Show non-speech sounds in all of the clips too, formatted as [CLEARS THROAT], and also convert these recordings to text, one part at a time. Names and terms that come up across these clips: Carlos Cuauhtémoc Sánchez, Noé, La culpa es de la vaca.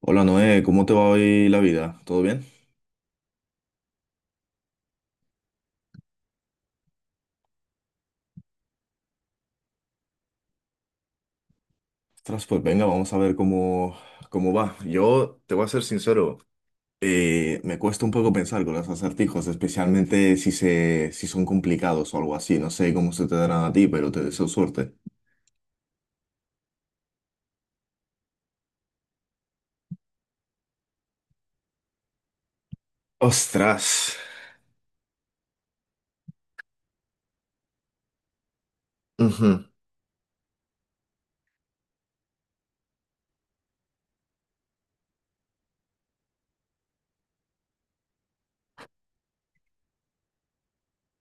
Hola Noé, ¿cómo te va hoy la vida? ¿Todo bien? Ostras, pues venga, vamos a ver cómo va. Yo te voy a ser sincero, me cuesta un poco pensar con los acertijos, especialmente si son complicados o algo así. No sé cómo se te darán a ti, pero te deseo suerte. Ostras. Ujú.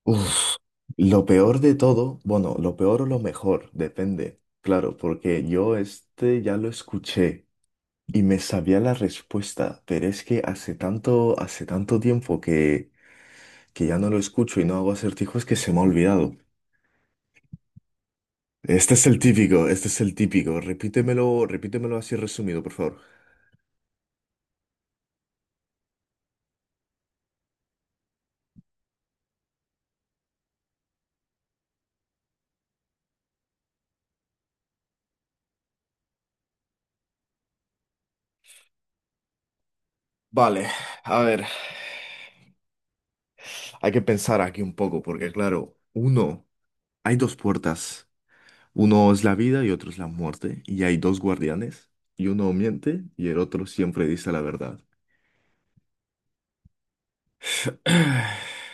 Uf. Lo peor de todo, bueno, lo peor o lo mejor, depende. Claro, porque yo este ya lo escuché y me sabía la respuesta, pero es que hace tanto tiempo que ya no lo escucho y no hago acertijos que se me ha olvidado. Este es el típico, este es el típico. Repítemelo, repítemelo así resumido, por favor. Vale, a ver, hay que pensar aquí un poco, porque claro, uno, hay dos puertas. Uno es la vida y otro es la muerte, y hay dos guardianes, y uno miente y el otro siempre dice la verdad. [CLEARS THROAT]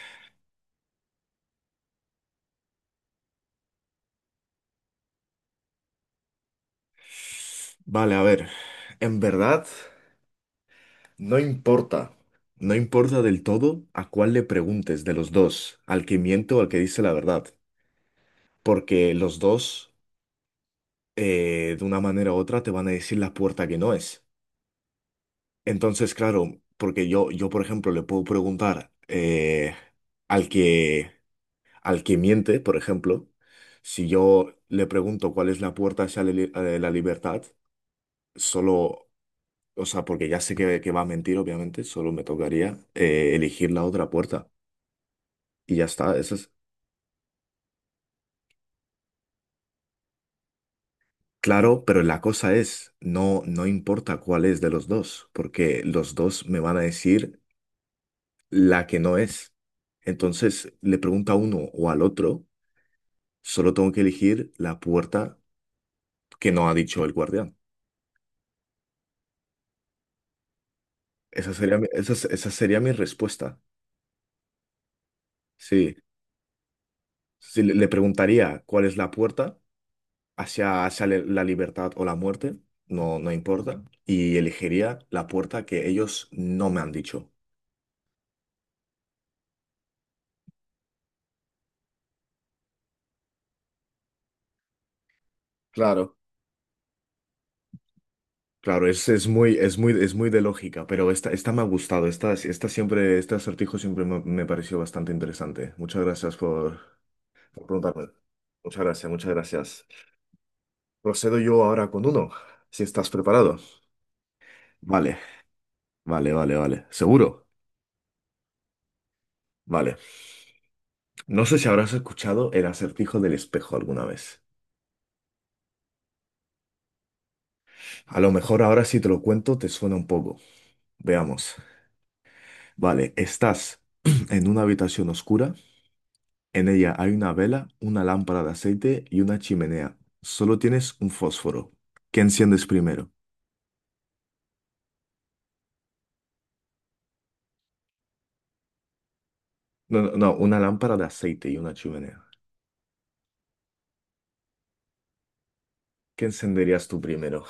[SIGHS] Vale, a ver, en verdad, no importa, no importa del todo a cuál le preguntes de los dos, al que miente o al que dice la verdad. Porque los dos, de una manera u otra, te van a decir la puerta que no es. Entonces, claro, porque yo por ejemplo, le puedo preguntar al que, al que miente, por ejemplo, si yo le pregunto cuál es la puerta hacia la libertad, solo, o sea, porque ya sé que va a mentir, obviamente, solo me tocaría elegir la otra puerta. Y ya está, eso es. Claro, pero la cosa es, no importa cuál es de los dos, porque los dos me van a decir la que no es. Entonces le pregunta a uno o al otro, solo tengo que elegir la puerta que no ha dicho el guardián. Esa sería mi respuesta. Sí. Si le, le preguntaría cuál es la puerta hacia la libertad o la muerte, no importa, y elegiría la puerta que ellos no me han dicho. Claro. Claro, es muy de lógica, pero esta me ha gustado. Este acertijo siempre me pareció bastante interesante. Muchas gracias por preguntarme. Muchas gracias, muchas gracias. Procedo yo ahora con uno, si estás preparado. Vale, vale. ¿Seguro? Vale. No sé si habrás escuchado el acertijo del espejo alguna vez. A lo mejor ahora si te lo cuento te suena un poco. Veamos. Vale, estás [CLEARS THROAT] en una habitación oscura. En ella hay una vela, una lámpara de aceite y una chimenea. Solo tienes un fósforo. ¿Qué enciendes primero? No, no, no, una lámpara de aceite y una chimenea. ¿Qué encenderías tú primero?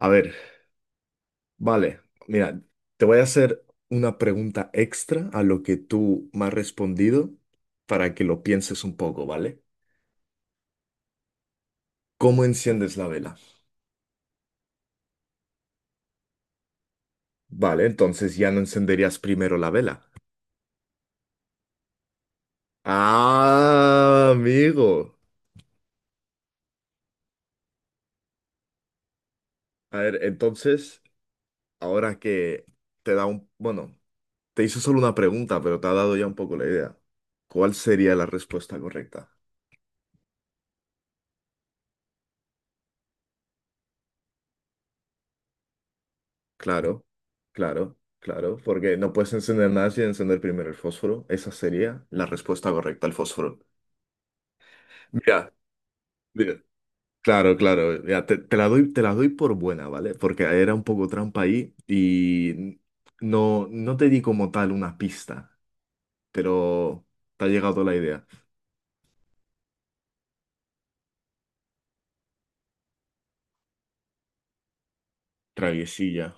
A ver. Vale, mira, te voy a hacer una pregunta extra a lo que tú me has respondido para que lo pienses un poco, ¿vale? ¿Cómo enciendes la vela? Vale, entonces ya no encenderías primero la vela. Ah, amigo. A ver, entonces, ahora que te da un... Bueno, te hice solo una pregunta, pero te ha dado ya un poco la idea. ¿Cuál sería la respuesta correcta? Claro, claro, claro, porque no puedes encender nada sin encender primero el fósforo. Esa sería la respuesta correcta al fósforo. Mira, mira. Claro, claro, ya te la doy por buena, ¿vale? Porque era un poco trampa ahí y no, no te di como tal una pista, pero te ha llegado la idea. Traviesilla.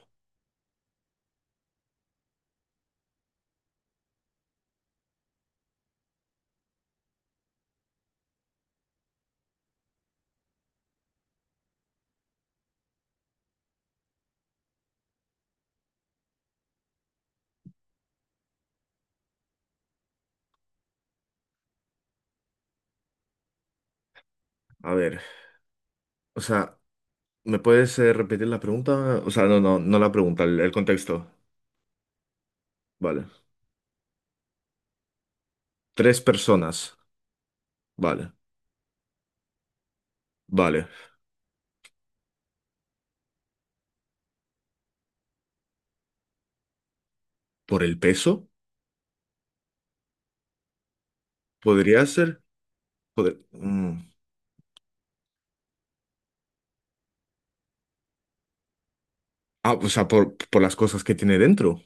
A ver, o sea, ¿me puedes repetir la pregunta? O sea, no, no, no la pregunta, el contexto. Vale. Tres personas. Vale, vale. ¿Por el peso? Podría ser. Poder, mm. Ah, o sea, por las cosas que tiene dentro.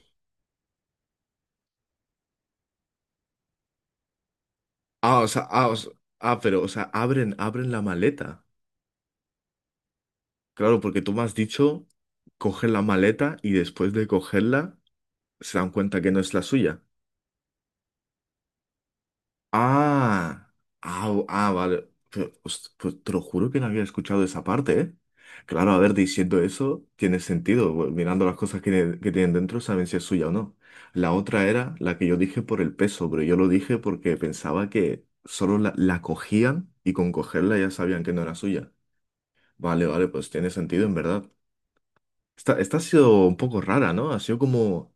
Ah, o sea, ah, o sea, ah, pero, o sea, abren, abren la maleta. Claro, porque tú me has dicho coger la maleta y después de cogerla se dan cuenta que no es la suya. Ah, ah, o- ah, vale. Pero, host- pues te lo juro que no había escuchado esa parte, ¿eh? Claro, a ver, diciendo eso, tiene sentido. Bu- mirando las cosas que tienen dentro, saben si es suya o no. La otra era la que yo dije por el peso, pero yo lo dije porque pensaba que solo la cogían y con cogerla ya sabían que no era suya. Vale, vale, pues tiene sentido en verdad. Esta ha sido un poco rara, ¿no? Ha sido como,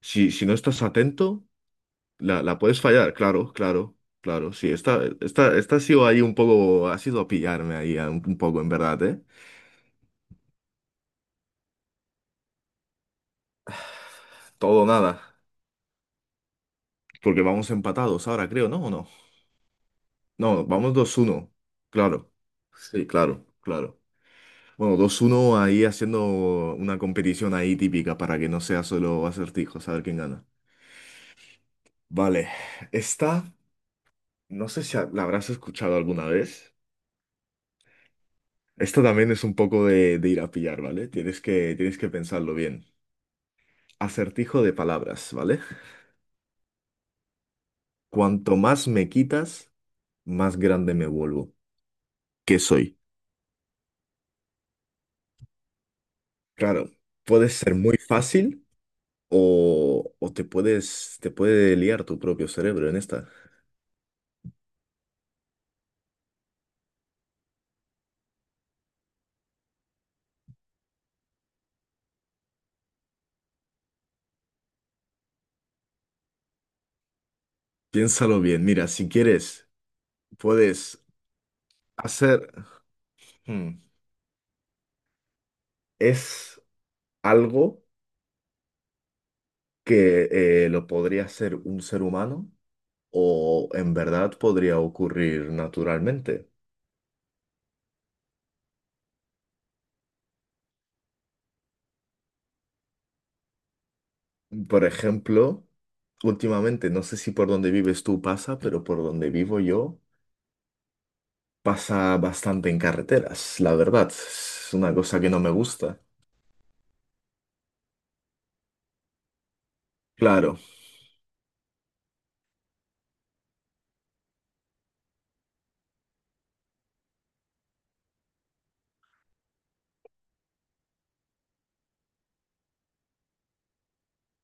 si, si no estás atento... la puedes fallar, claro, claro, claro. Sí, esta ha sido ahí un poco, ha sido a pillarme ahí a un poco, en verdad, ¿eh? Todo o nada. Porque vamos empatados ahora, creo, ¿no? ¿O no? No, vamos 2-1. Claro. Sí, claro, claro. Bueno, 2-1 ahí haciendo una competición ahí típica para que no sea solo acertijos, a ver quién gana. Vale, esta, no sé si la habrás escuchado alguna vez. Esta también es un poco de ir a pillar, ¿vale? Tienes que pensarlo bien. Acertijo de palabras, ¿vale? Cuanto más me quitas, más grande me vuelvo. ¿Qué soy? Claro, puede ser muy fácil o te puedes, te puede liar tu propio cerebro en esta. Piénsalo bien. Mira, si quieres, puedes hacer... Hmm. Es algo que lo podría hacer un ser humano o en verdad podría ocurrir naturalmente. Por ejemplo, últimamente, no sé si por donde vives tú pasa, pero por donde vivo yo pasa bastante en carreteras, la verdad. Es una cosa que no me gusta. Claro,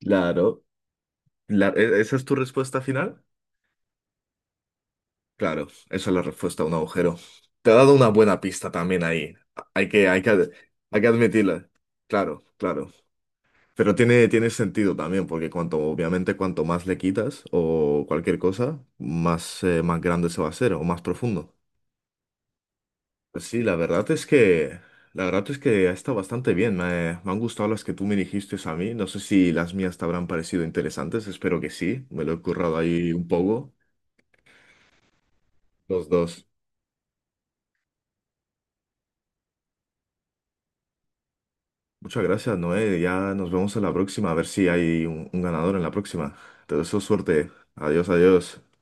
claro. ¿Esa es tu respuesta final? Claro, esa es la respuesta a un agujero. Te ha dado una buena pista también ahí. Hay que, hay que, ad- hay que admitirla. Claro, claro. Pero tiene sentido también, porque cuanto, obviamente, cuanto más le quitas o cualquier cosa, más, más grande se va a hacer o más profundo. Pues sí, la verdad es que ha estado bastante bien. Me han gustado las que tú me dijiste a mí. No sé si las mías te habrán parecido interesantes. Espero que sí. Me lo he currado ahí un poco. Los dos. Muchas gracias, Noé. Ya nos vemos en la próxima. A ver si hay un ganador en la próxima. Te deseo suerte. Adiós, adiós.